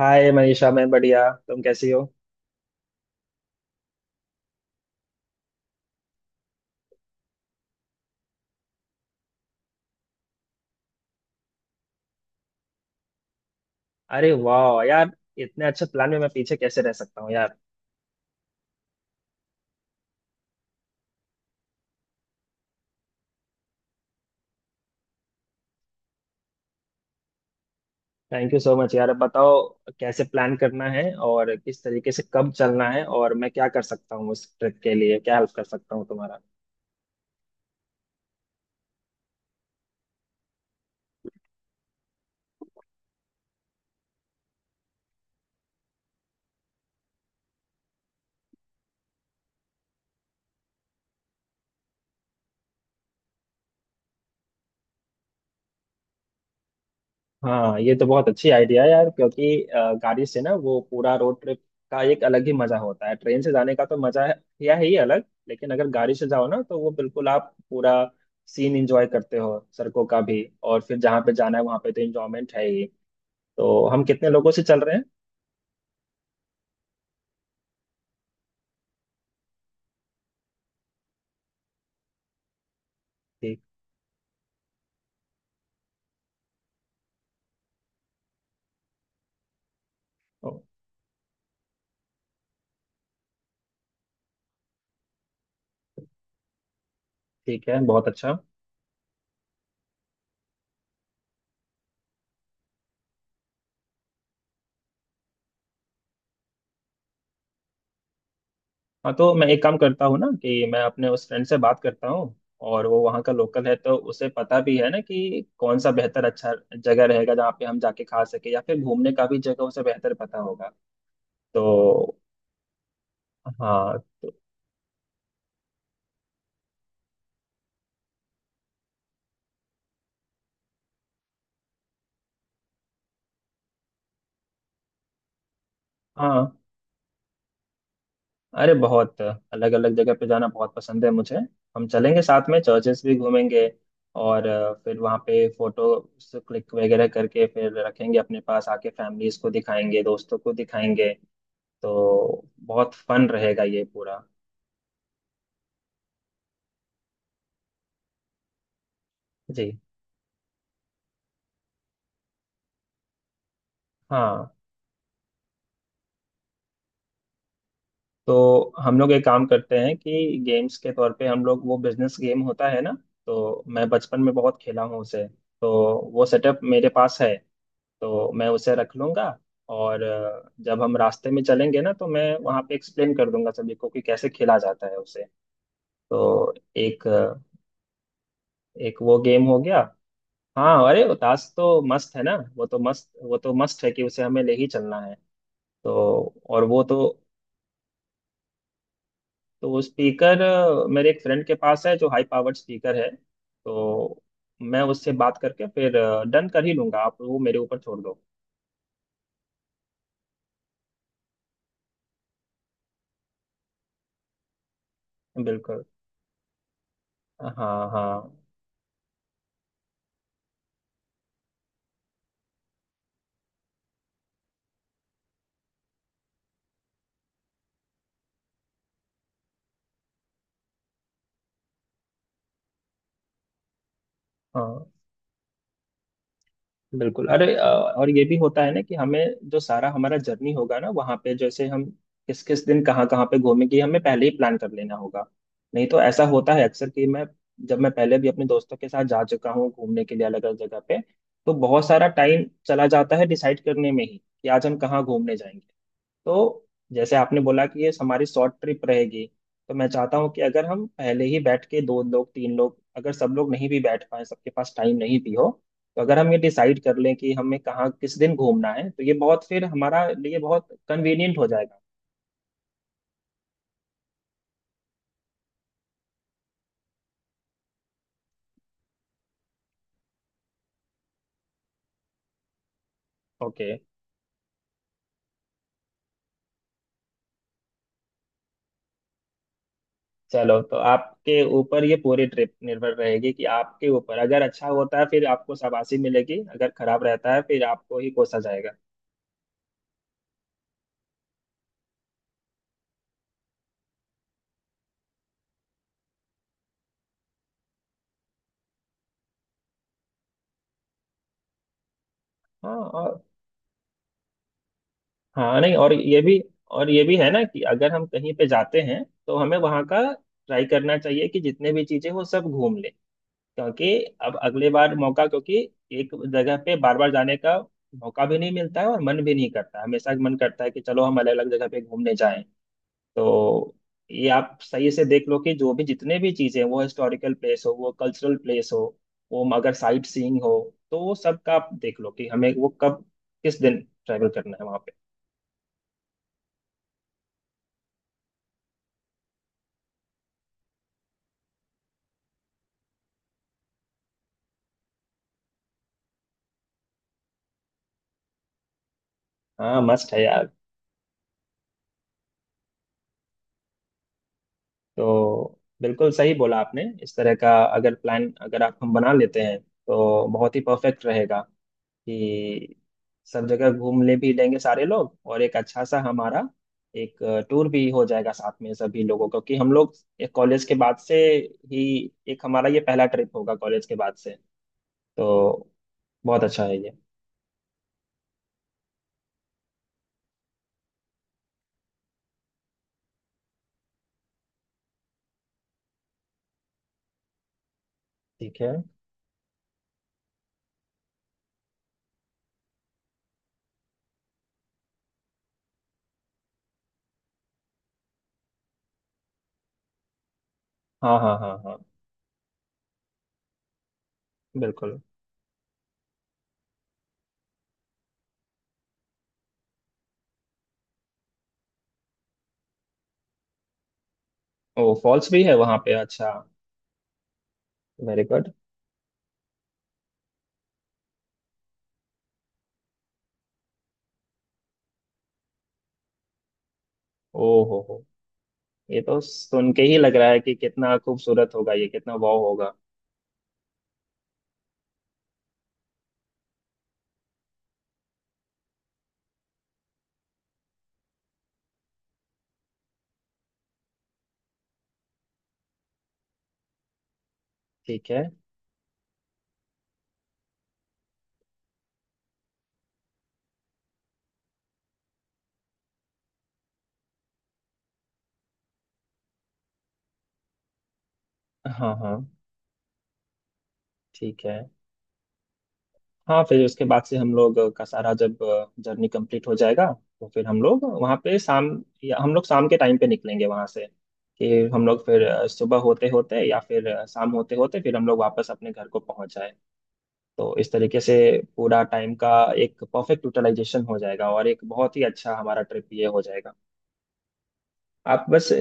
हाय मनीषा, मैं बढ़िया। तुम कैसी हो? अरे वाह यार, इतने अच्छे प्लान में मैं पीछे कैसे रह सकता हूँ यार। थैंक यू सो मच यार। अब बताओ कैसे प्लान करना है और किस तरीके से कब चलना है और मैं क्या कर सकता हूँ, उस ट्रिप के लिए क्या हेल्प कर सकता हूँ तुम्हारा। हाँ, ये तो बहुत अच्छी आइडिया है यार, क्योंकि गाड़ी से ना वो पूरा रोड ट्रिप का एक अलग ही मजा होता है। ट्रेन से जाने का तो मजा है या है ही अलग, लेकिन अगर गाड़ी से जाओ ना तो वो बिल्कुल आप पूरा सीन एंजॉय करते हो सड़कों का भी, और फिर जहाँ पे जाना है वहाँ पे तो एंजॉयमेंट है ही। तो हम कितने लोगों से चल रहे हैं? ठीक। ओ, ठीक है, बहुत अच्छा। हाँ तो मैं एक काम करता हूँ ना कि मैं अपने उस फ्रेंड से बात करता हूँ, और वो वहाँ का लोकल है तो उसे पता भी है ना कि कौन सा बेहतर अच्छा जगह रहेगा जहाँ पे हम जाके खा सके, या फिर घूमने का भी जगह उसे बेहतर पता होगा तो। हाँ तो। हाँ, अरे बहुत अलग अलग जगह पे जाना बहुत पसंद है मुझे। हम चलेंगे साथ में, चर्चेस भी घूमेंगे। और फिर वहाँ पे फोटो क्लिक वगैरह करके फिर रखेंगे, अपने पास आके फैमिलीज को दिखाएंगे, दोस्तों को दिखाएंगे। तो बहुत फन रहेगा ये पूरा। जी। हाँ तो हम लोग एक काम करते हैं कि गेम्स के तौर पे हम लोग वो बिजनेस गेम होता है ना, तो मैं बचपन में बहुत खेला हूँ उसे। तो वो सेटअप मेरे पास है, तो मैं उसे रख लूँगा। और जब हम रास्ते में चलेंगे ना तो मैं वहाँ पे एक्सप्लेन कर दूंगा सभी को कि कैसे खेला जाता है उसे। तो एक वो गेम हो गया। हाँ अरे वो ताश तो मस्त है ना, वो तो मस्त, वो तो मस्त है कि उसे हमें ले ही चलना है तो। और वो तो। तो वो स्पीकर मेरे एक फ्रेंड के पास है जो हाई पावर्ड स्पीकर है, तो मैं उससे बात करके फिर डन कर ही लूंगा। आप वो मेरे ऊपर छोड़ दो। बिल्कुल। हाँ हाँ हाँ, बिल्कुल। अरे और ये भी होता है ना कि हमें जो सारा हमारा जर्नी होगा ना वहाँ पे, जैसे हम किस किस दिन कहाँ कहाँ पे घूमेंगे, हमें पहले ही प्लान कर लेना होगा। नहीं तो ऐसा होता है अक्सर कि मैं, जब मैं पहले भी अपने दोस्तों के साथ जा चुका हूँ घूमने के लिए अलग अलग जगह पे, तो बहुत सारा टाइम चला जाता है डिसाइड करने में ही कि आज हम कहाँ घूमने जाएंगे। तो जैसे आपने बोला कि ये हमारी शॉर्ट ट्रिप रहेगी, तो मैं चाहता हूँ कि अगर हम पहले ही बैठ के, दो लोग तीन लोग, अगर सब लोग नहीं भी बैठ पाए, सबके पास टाइम नहीं भी हो, तो अगर हम ये डिसाइड कर लें कि हमें कहाँ किस दिन घूमना है, तो ये बहुत फिर हमारा लिए बहुत कन्वीनियंट हो जाएगा। ओके, चलो तो आपके ऊपर ये पूरी ट्रिप निर्भर रहेगी, कि आपके ऊपर, अगर अच्छा होता है फिर आपको शाबाशी मिलेगी, अगर खराब रहता है फिर आपको ही कोसा जाएगा। हाँ हाँ। नहीं, और ये भी है ना कि अगर हम कहीं पे जाते हैं तो हमें वहाँ का ट्राई करना चाहिए कि जितने भी चीजें वो सब घूम ले, क्योंकि अब अगले बार मौका, क्योंकि एक जगह पे बार बार जाने का मौका भी नहीं मिलता है और मन भी नहीं करता। हमेशा मन करता है कि चलो हम अलग अलग जगह पे घूमने जाएं तो। ये आप सही से देख लो कि जो भी जितने भी चीजें, वो हिस्टोरिकल प्लेस हो, वो कल्चरल प्लेस हो, वो अगर साइट सीइंग हो, तो वो सब का आप देख लो कि हमें वो कब, किस दिन, ट्रैवल करना है वहाँ पे। हाँ मस्त है यार। तो बिल्कुल सही बोला आपने, इस तरह का अगर प्लान अगर आप हम बना लेते हैं तो बहुत ही परफेक्ट रहेगा कि सब जगह घूम ले भी लेंगे सारे लोग, और एक अच्छा सा हमारा एक टूर भी हो जाएगा साथ में सभी लोगों का। क्योंकि हम लोग एक कॉलेज के बाद से ही, एक हमारा ये पहला ट्रिप होगा कॉलेज के बाद से, तो बहुत अच्छा है ये। ठीक है। हाँ हाँ हाँ हाँ, बिल्कुल। ओ फॉल्स भी है वहाँ पे, अच्छा। Very good. ओ हो, ये तो सुन के ही लग रहा है कि कितना खूबसूरत होगा ये, कितना वाव होगा। ठीक है। हाँ हाँ। ठीक है। हाँ फिर उसके बाद से हम लोग का सारा जब जर्नी कंप्लीट हो जाएगा तो फिर हम लोग वहाँ पे शाम, या हम लोग शाम के टाइम पे निकलेंगे वहाँ से, कि हम लोग फिर सुबह होते होते या फिर शाम होते होते फिर हम लोग वापस अपने घर को पहुँच जाए। तो इस तरीके से पूरा टाइम का एक परफेक्ट यूटिलाइजेशन हो जाएगा, और एक बहुत ही अच्छा हमारा ट्रिप ये हो जाएगा। आप बस।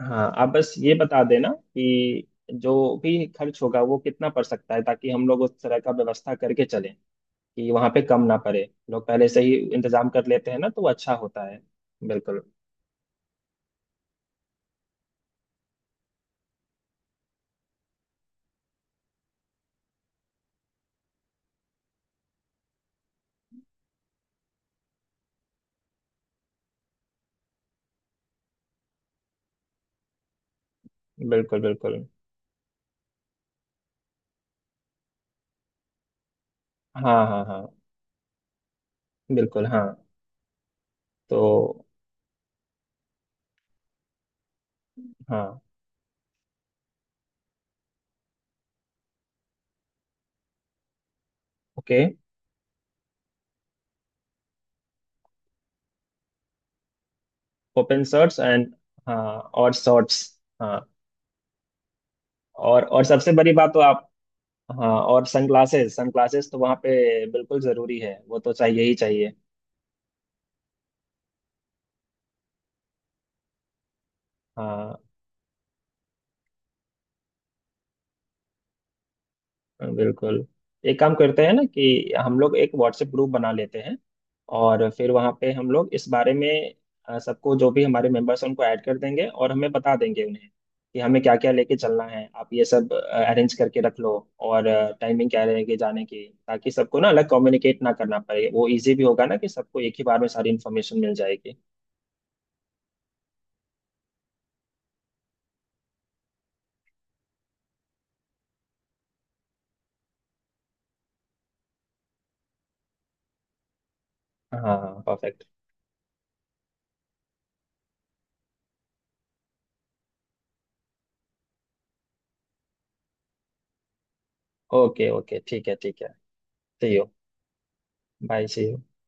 हाँ आप बस ये बता देना कि जो भी खर्च होगा वो कितना पड़ सकता है, ताकि हम लोग उस तरह का व्यवस्था करके चलें कि वहाँ पे कम ना पड़े। लोग पहले से ही इंतजाम कर लेते हैं ना तो वो अच्छा होता है। बिल्कुल। बिल्कुल। बिल्कुल। हाँ हाँ हाँ, बिल्कुल हाँ। तो हाँ। ओके। ओपन शर्ट्स एंड, हाँ और शॉर्ट्स। हाँ। और सबसे बड़ी बात तो आप, हाँ और सनग्लासेस, सनग्लासेस तो वहाँ पे बिल्कुल जरूरी है, वो तो चाहिए ही चाहिए। हाँ। हाँ, बिल्कुल। एक काम करते हैं ना कि हम लोग एक व्हाट्सएप ग्रुप बना लेते हैं, और फिर वहाँ पे हम लोग इस बारे में सबको, जो भी हमारे मेंबर्स हैं उनको ऐड कर देंगे और हमें बता देंगे उन्हें कि हमें क्या क्या लेके चलना है। आप ये सब अरेंज करके रख लो, और टाइमिंग क्या रहेगी जाने की, ताकि सबको ना अलग कम्युनिकेट ना करना पड़े। वो इजी भी होगा ना, कि सबको एक ही बार में सारी इन्फॉर्मेशन मिल जाएगी। हाँ हाँ, परफेक्ट। ओके ओके, ठीक है ठीक है। See you. Bye, see you.